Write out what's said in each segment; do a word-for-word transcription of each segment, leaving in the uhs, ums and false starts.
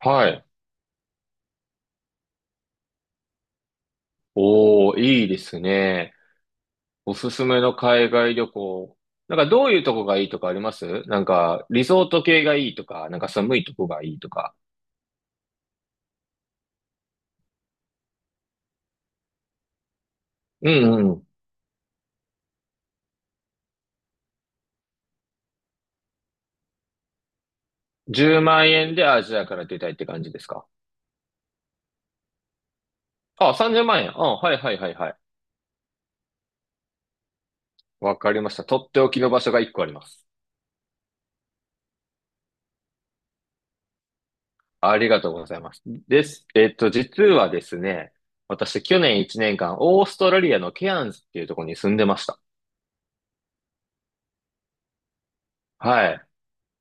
はい。おー、いいですね。おすすめの海外旅行。なんかどういうとこがいいとかありますなんかリゾート系がいいとか、なんか寒いとこがいいとか。うんうん。じゅうまん円でアジアから出たいって感じですか？あ、さんじゅうまん円。あ、はいはいはいはい。わかりました。とっておきの場所がいっこあります。ありがとうございます。です。えっと、実はですね、私去年いちねんかん、オーストラリアのケアンズっていうところに住んでました。は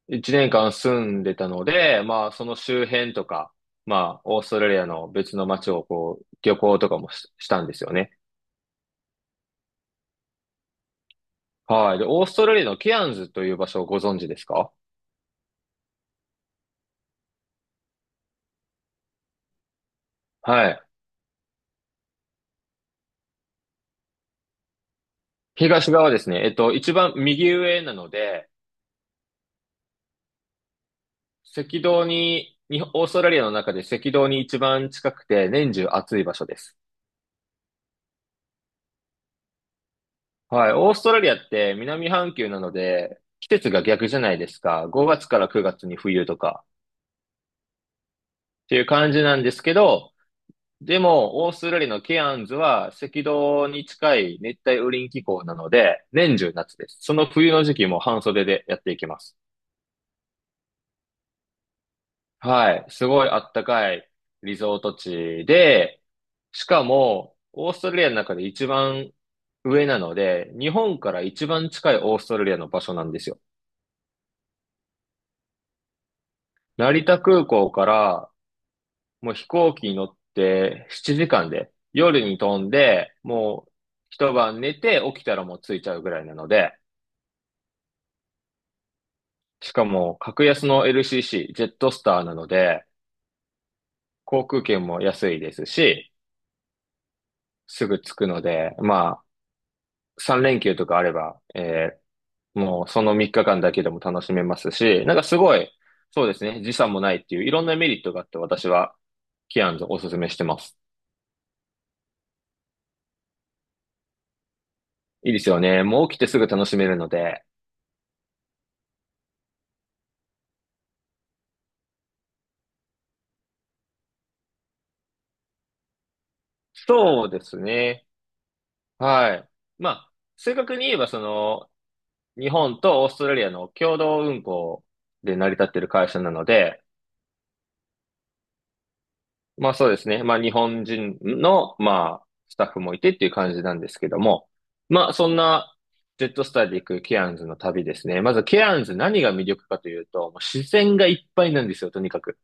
い。一年間住んでたので、まあ、その周辺とか、まあ、オーストラリアの別の街をこう、旅行とかもし、したんですよね。はい。で、オーストラリアのケアンズという場所をご存知ですか？はい。東側ですね。えっと、一番右上なので、赤道に、日本オーストラリアの中で赤道に一番近くて年中暑い場所です。はい。オーストラリアって南半球なので、季節が逆じゃないですか。ごがつからくがつに冬とかっていう感じなんですけど、でも、オーストラリアのケアンズは赤道に近い熱帯雨林気候なので、年中夏です。その冬の時期も半袖でやっていきます。はい。すごいあったかいリゾート地で、しかも、オーストラリアの中で一番上なので、日本から一番近いオーストラリアの場所なんですよ。成田空港からもう飛行機に乗ってななじかんで、夜に飛んで、もう一晩寝て起きたらもう着いちゃうぐらいなので、しかも、格安の エルシーシー、ジェットスターなので、航空券も安いですし、すぐ着くので、まあ、さん連休とかあれば、えーもうそのみっかかんだけでも楽しめますし、なんかすごい、そうですね、時差もないっていういろんなメリットがあって私は、キアンズをおすすめしてます。いいですよね。もう起きてすぐ楽しめるので。そうですね。はい。まあ、正確に言えば、その、日本とオーストラリアの共同運航で成り立っている会社なので、まあそうですね。まあ日本人の、まあスタッフもいてっていう感じなんですけども。まあそんなジェットスターで行くケアンズの旅ですね。まずケアンズ何が魅力かというと、もう自然がいっぱいなんですよ、とにかく。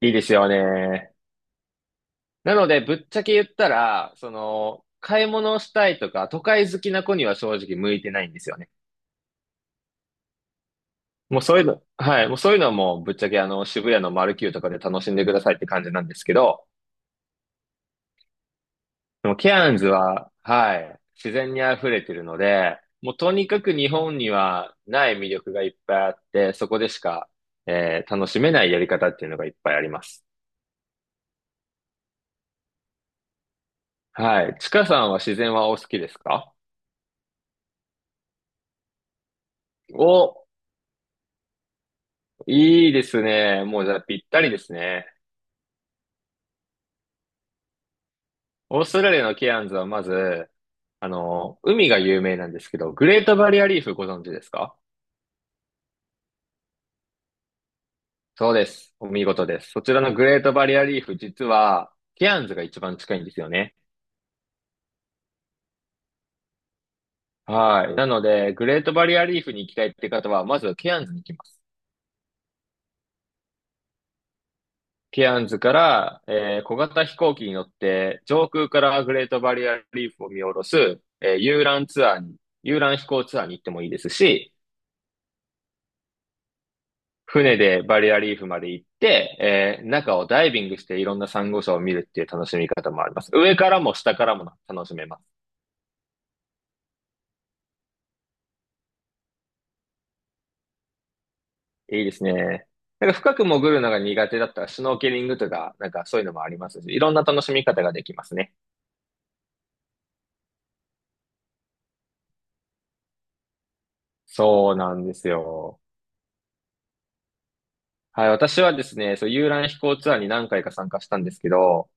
いいですよね。なのでぶっちゃけ言ったら、その、買い物をしたいとか、都会好きな子には正直向いてないんですよね。もうそういうの、はい。もうそういうのはもうぶっちゃけあの渋谷のマルキューとかで楽しんでくださいって感じなんですけど、でもケアンズは、はい、自然に溢れてるので、もうとにかく日本にはない魅力がいっぱいあって、そこでしか、えー楽しめないやり方っていうのがいっぱいあります。はい。ちかさんは自然はお好きですか？お、いいですね。もうじゃあぴったりですね。オーストラリアのケアンズはまず、あの、海が有名なんですけど、グレートバリアリーフご存知ですか？そうです。お見事です。そちらのグレートバリアリーフ、実は、ケアンズが一番近いんですよね。はい。なので、グレートバリアリーフに行きたいって方は、まずケアンズに行きます。ケアンズから、えー小型飛行機に乗って、上空からグレートバリアリーフを見下ろす、えー遊覧ツアーに、遊覧飛行ツアーに行ってもいいですし、船でバリアリーフまで行って、えー中をダイビングしていろんなサンゴ礁を見るっていう楽しみ方もあります。上からも下からも楽しめます。いいですね。なんか深く潜るのが苦手だったら、シュノーケリングとか、なんかそういうのもありますし、いろんな楽しみ方ができますね。そうなんですよ。はい、私はですね、そう、遊覧飛行ツアーに何回か参加したんですけど、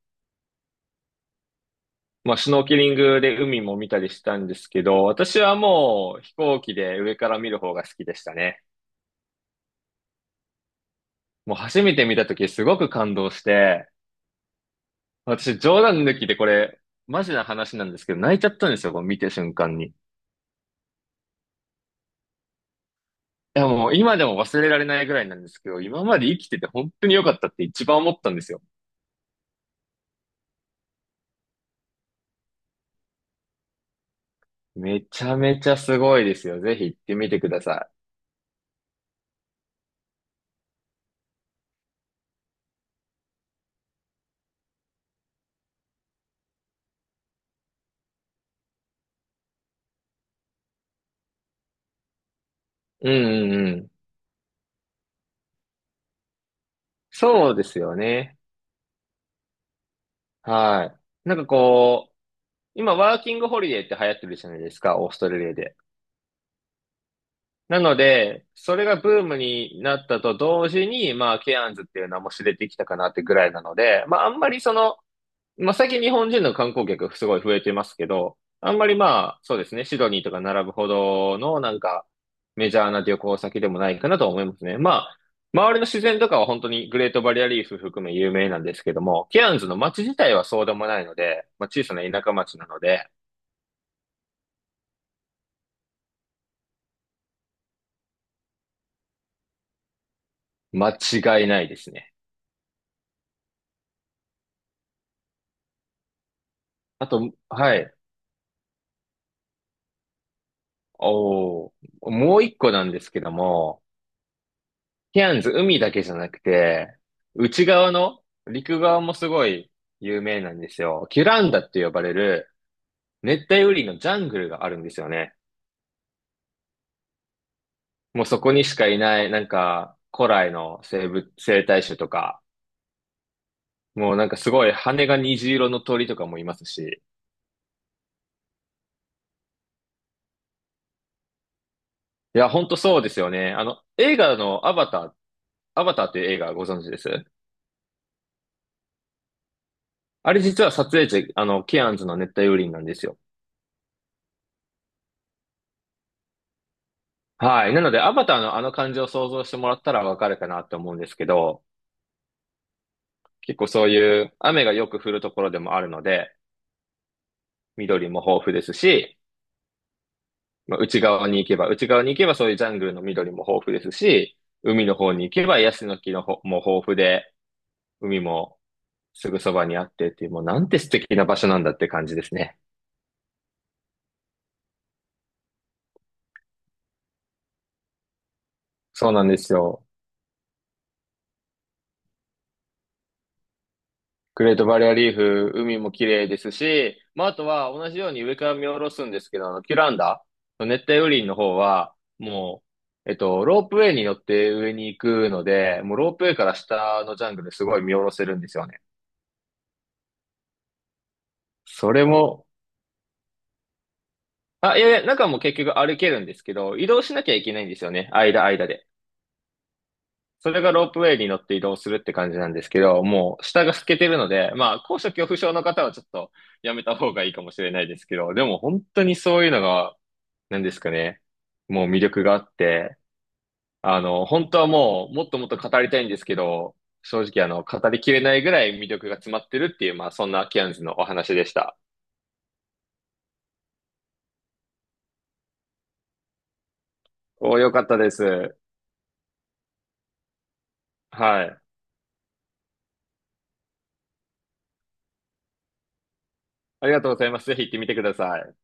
まあ、シュノーケリングで海も見たりしたんですけど、私はもう飛行機で上から見る方が好きでしたね。もう初めて見た時すごく感動して、私冗談抜きでこれ、マジな話なんですけど、泣いちゃったんですよ、こう見て瞬間に。いや、もう今でも忘れられないぐらいなんですけど、今まで生きてて本当に良かったって一番思ったんですよ。めちゃめちゃすごいですよ。ぜひ行ってみてください。うんうんうん。そうですよね。はい。なんかこう、今ワーキングホリデーって流行ってるじゃないですか、オーストラリアで。なので、それがブームになったと同時に、まあ、ケアンズっていう名も知れてきたかなってぐらいなので、まあ、あんまりその、まあ、最近日本人の観光客すごい増えてますけど、あんまりまあ、そうですね、シドニーとか並ぶほどのなんかメジャーな旅行先でもないかなと思いますね。まあ、周りの自然とかは本当にグレートバリアリーフ含め有名なんですけども、ケアンズの街自体はそうでもないので、まあ、小さな田舎町なので、間違いないですね。あと、はい。おー、もう一個なんですけども、ケアンズ、海だけじゃなくて、内側の陸側もすごい有名なんですよ。キュランダって呼ばれる熱帯雨林のジャングルがあるんですよね。もうそこにしかいない、なんか古来の生物、生態種とか、もうなんかすごい羽が虹色の鳥とかもいますし。いや、ほんとそうですよね。あの、映画のアバター、アバターっていう映画ご存知です？あれ実は撮影地、あの、ケアンズの熱帯雨林なんですよ。はい。なので、アバターのあの感じを想像してもらったらわかるかなと思うんですけど、結構そういう雨がよく降るところでもあるので、緑も豊富ですし、まあ、内側に行けば、内側に行けばそういうジャングルの緑も豊富ですし、海の方に行けばヤシの木のほも豊富で、海もすぐそばにあってっていう、もうなんて素敵な場所なんだって感じですね。そうなんですよ。グレートバリアリーフ、海も綺麗ですし、まあ、あとは同じように上から見下ろすんですけど、あの、キュランダの熱帯雨林の方は、もう、えっと、ロープウェイに乗って上に行くので、もうロープウェイから下のジャングルすごい見下ろせるんですよね。それも、あ、いやいや、中も結局歩けるんですけど、移動しなきゃいけないんですよね。間、間で。それがロープウェイに乗って移動するって感じなんですけど、もう下が透けてるので、まあ、高所恐怖症の方はちょっとやめた方がいいかもしれないですけど、でも本当にそういうのが、なんですかね、もう魅力があって、あの、本当はもうもっともっと語りたいんですけど、正直あの、語りきれないぐらい魅力が詰まってるっていう、まあ、そんなキアンズのお話でした。お、よかったです。はい。ありがとうございます。ぜひ行ってみてください。